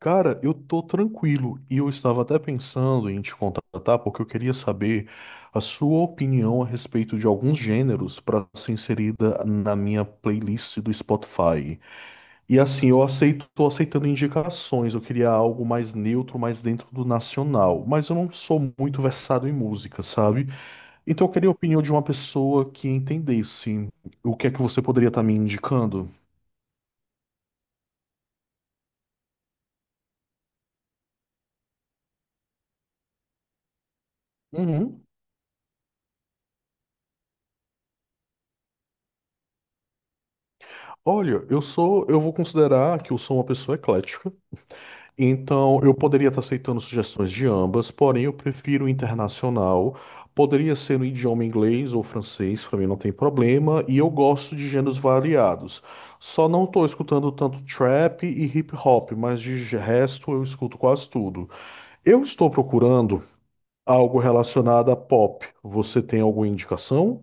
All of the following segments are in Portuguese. Cara, eu tô tranquilo e eu estava até pensando em te contratar porque eu queria saber a sua opinião a respeito de alguns gêneros para ser inserida na minha playlist do Spotify. E assim, eu aceito, tô aceitando indicações, eu queria algo mais neutro, mais dentro do nacional, mas eu não sou muito versado em música, sabe? Então eu queria a opinião de uma pessoa que entendesse o que é que você poderia estar me indicando. Uhum. Olha, eu vou considerar que eu sou uma pessoa eclética. Então, eu poderia estar aceitando sugestões de ambas, porém eu prefiro internacional. Poderia ser no idioma inglês ou francês, para mim não tem problema, e eu gosto de gêneros variados. Só não estou escutando tanto trap e hip hop, mas resto eu escuto quase tudo. Eu estou procurando algo relacionado a pop. Você tem alguma indicação?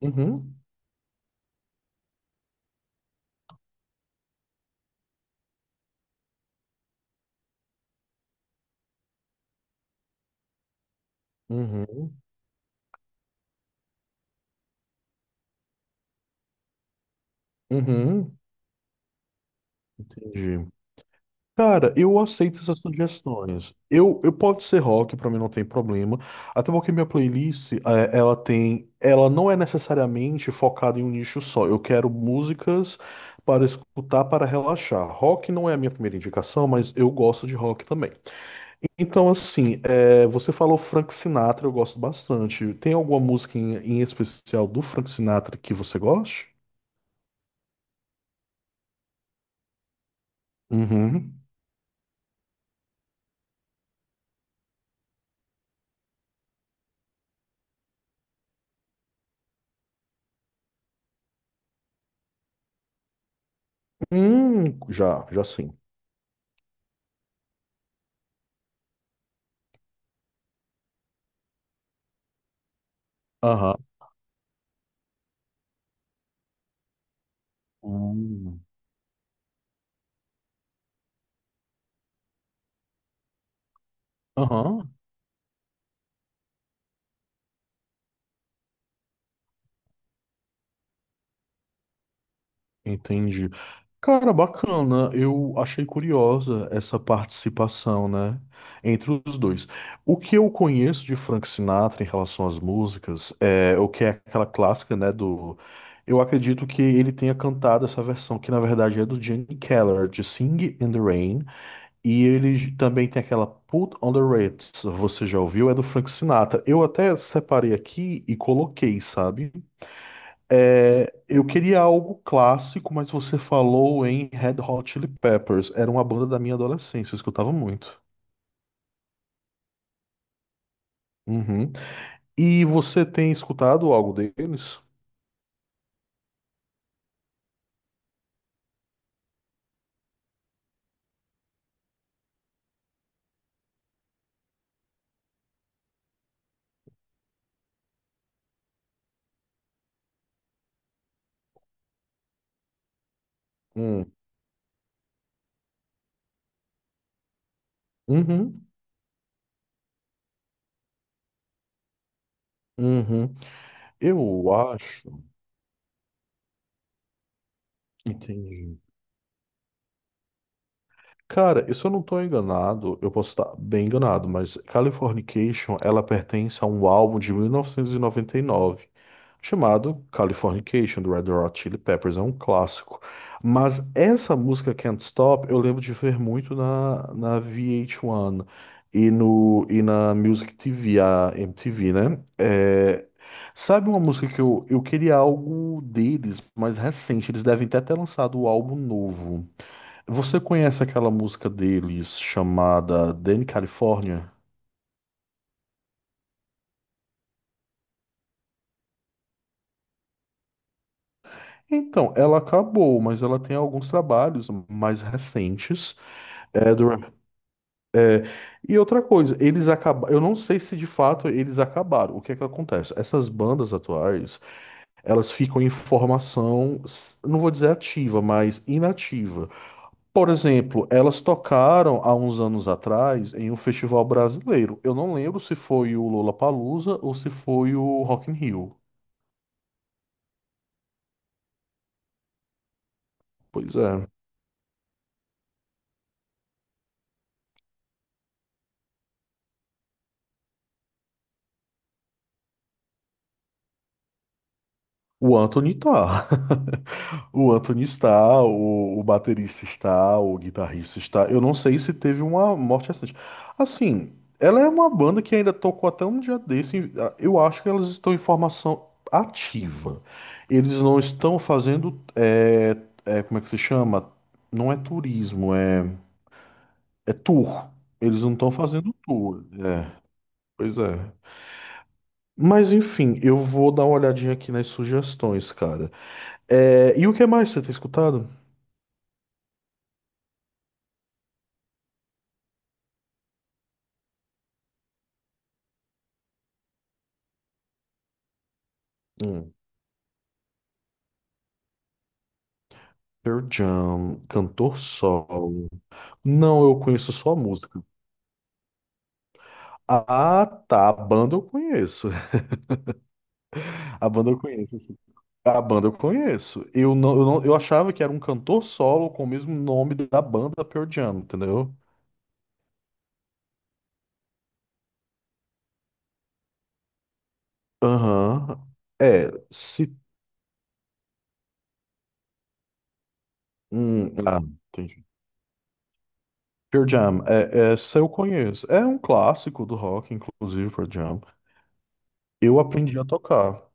Uhum, uhum, uhum, entendi. Cara, eu aceito essas sugestões. Eu pode ser rock, pra mim não tem problema. Até porque minha playlist, ela tem, ela não é necessariamente focada em um nicho só. Eu quero músicas para escutar, para relaxar. Rock não é a minha primeira indicação, mas eu gosto de rock também. Então, assim, você falou Frank Sinatra, eu gosto bastante. Tem alguma música em especial do Frank Sinatra que você goste? Uhum. Hum, já sim. Aham. Hum. Aham. Entendi. Cara, bacana. Eu achei curiosa essa participação, né, entre os dois. O que eu conheço de Frank Sinatra em relação às músicas é o que é aquela clássica, né, do... Eu acredito que ele tenha cantado essa versão que na verdade é do Gene Keller, de Sing in the Rain, e ele também tem aquela Put on the Ritz, você já ouviu? É do Frank Sinatra. Eu até separei aqui e coloquei, sabe? É, eu queria algo clássico, mas você falou em Red Hot Chili Peppers. Era uma banda da minha adolescência, eu escutava muito. Uhum. E você tem escutado algo deles? Hum. Uhum. Uhum. Eu acho. Entendi. Cara, e se eu não estou enganado, eu posso estar bem enganado, mas Californication, ela pertence a um álbum de 1999, chamado Californication, do Red Hot Chili Peppers, é um clássico. Mas essa música Can't Stop, eu lembro de ver muito na VH1 e, no, e na Music TV, a MTV, né? É, sabe, uma música que eu queria algo deles, mais recente, eles devem até ter lançado o álbum novo. Você conhece aquela música deles chamada Danny California? Então, ela acabou, mas ela tem alguns trabalhos mais recentes. É, do É, e outra coisa, eles acabaram. Eu não sei se de fato eles acabaram. O que é que acontece? Essas bandas atuais, elas ficam em formação, não vou dizer ativa, mas inativa. Por exemplo, elas tocaram há uns anos atrás em um festival brasileiro. Eu não lembro se foi o Lollapalooza ou se foi o Rock in Rio. Pois é. O Anthony tá. O Anthony está, o baterista está, o guitarrista está. Eu não sei se teve uma morte recente. Assim, ela é uma banda que ainda tocou até um dia desse. Eu acho que elas estão em formação ativa. Eles não estão fazendo. Como é que se chama? Não é turismo, é tour. Eles não estão fazendo tour. É, pois é. Mas enfim, eu vou dar uma olhadinha aqui nas sugestões, cara. É, e o que mais você tem escutado? Hum. Pearl Jam, cantor solo. Não, eu conheço só a música. Ah, tá. A banda eu conheço. A banda eu conheço. A banda eu conheço. Eu não, eu não, eu achava que era um cantor solo com o mesmo nome da banda Pearl Jam, entendeu? Aham. É, se. Hum, ah, entendi. Pearl Jam, é, essa eu conheço. É um clássico do rock, inclusive, Pearl Jam. Eu aprendi a tocar.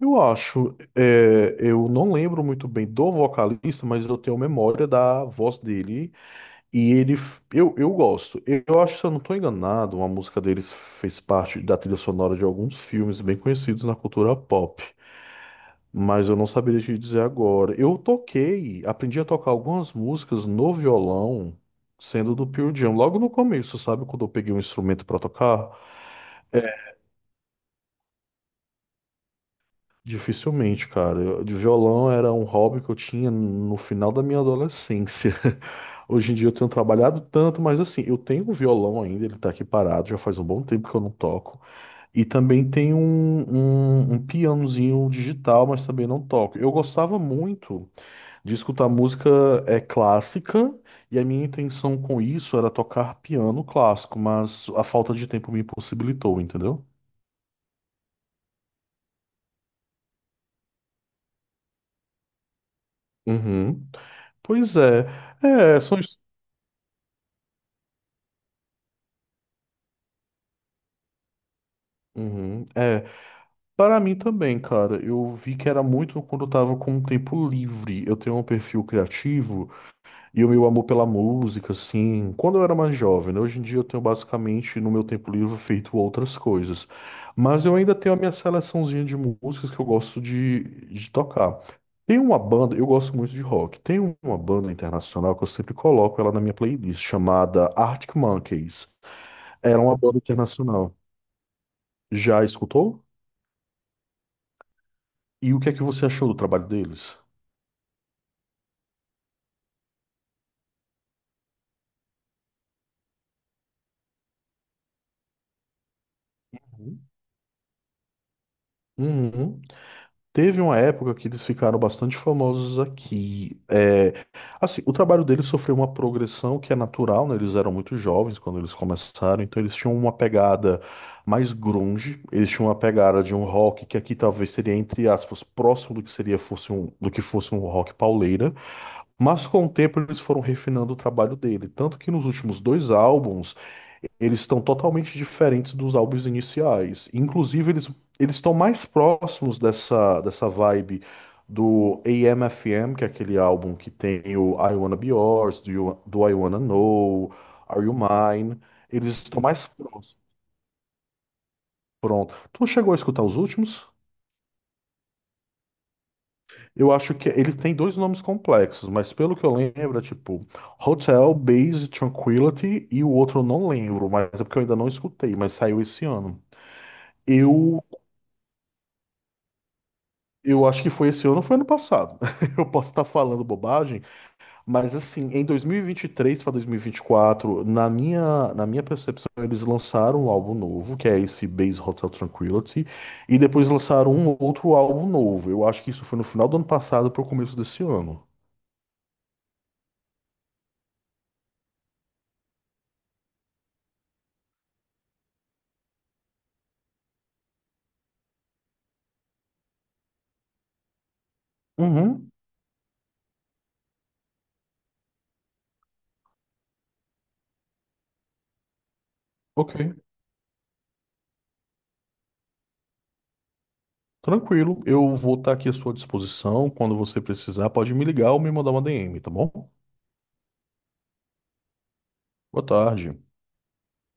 Eu acho, é, eu não lembro muito bem do vocalista, mas eu tenho memória da voz dele e eu gosto. Eu acho, se eu não estou enganado, uma música deles fez parte da trilha sonora de alguns filmes bem conhecidos na cultura pop, mas eu não saberia te dizer agora. Eu toquei, aprendi a tocar algumas músicas no violão, sendo do Pearl Jam, logo no começo, sabe, quando eu peguei um instrumento para tocar. Dificilmente, cara. De violão era um hobby que eu tinha no final da minha adolescência. Hoje em dia eu tenho trabalhado tanto, mas assim, eu tenho um violão ainda, ele tá aqui parado, já faz um bom tempo que eu não toco. E também tenho um pianozinho digital, mas também não toco. Eu gostava muito de escutar música, clássica, e a minha intenção com isso era tocar piano clássico, mas a falta de tempo me impossibilitou, entendeu? Uhum. Pois é. É, são... Uhum. É, para mim também, cara, eu vi que era muito quando eu tava com um tempo livre. Eu tenho um perfil criativo e o meu amor pela música, assim, quando eu era mais jovem, né? Hoje em dia eu tenho basicamente no meu tempo livre feito outras coisas. Mas eu ainda tenho a minha seleçãozinha de músicas que eu gosto de tocar. Tem uma banda, eu gosto muito de rock. Tem uma banda internacional que eu sempre coloco ela na minha playlist, chamada Arctic Monkeys. Era uma banda internacional. Já escutou? E o que é que você achou do trabalho deles? Uhum. Uhum. Teve uma época que eles ficaram bastante famosos aqui. É, assim, o trabalho deles sofreu uma progressão que é natural, né? Eles eram muito jovens quando eles começaram, então eles tinham uma pegada mais grunge, eles tinham uma pegada de um rock que aqui talvez seria, entre aspas, próximo do que seria do que fosse um rock pauleira. Mas com o tempo eles foram refinando o trabalho dele, tanto que nos últimos dois álbuns eles estão totalmente diferentes dos álbuns iniciais. Inclusive eles Eles estão mais próximos dessa vibe do AM/FM, que é aquele álbum que tem o I Wanna Be Yours, do I Wanna Know, Are You Mine. Eles estão mais próximos. Pronto. Tu chegou a escutar os últimos? Eu acho que ele tem dois nomes complexos, mas pelo que eu lembro, é tipo Hotel Base Tranquility e o outro eu não lembro, mas é porque eu ainda não escutei, mas saiu esse ano. Eu eu acho que foi esse ano, ou foi ano passado. Eu posso estar falando bobagem, mas assim, em 2023 para 2024, na minha percepção, eles lançaram um álbum novo, que é esse Base Hotel Tranquility, e depois lançaram um outro álbum novo. Eu acho que isso foi no final do ano passado para o começo desse ano. Uhum. Ok. Tranquilo, eu vou estar aqui à sua disposição. Quando você precisar, pode me ligar ou me mandar uma DM, tá bom? Boa tarde.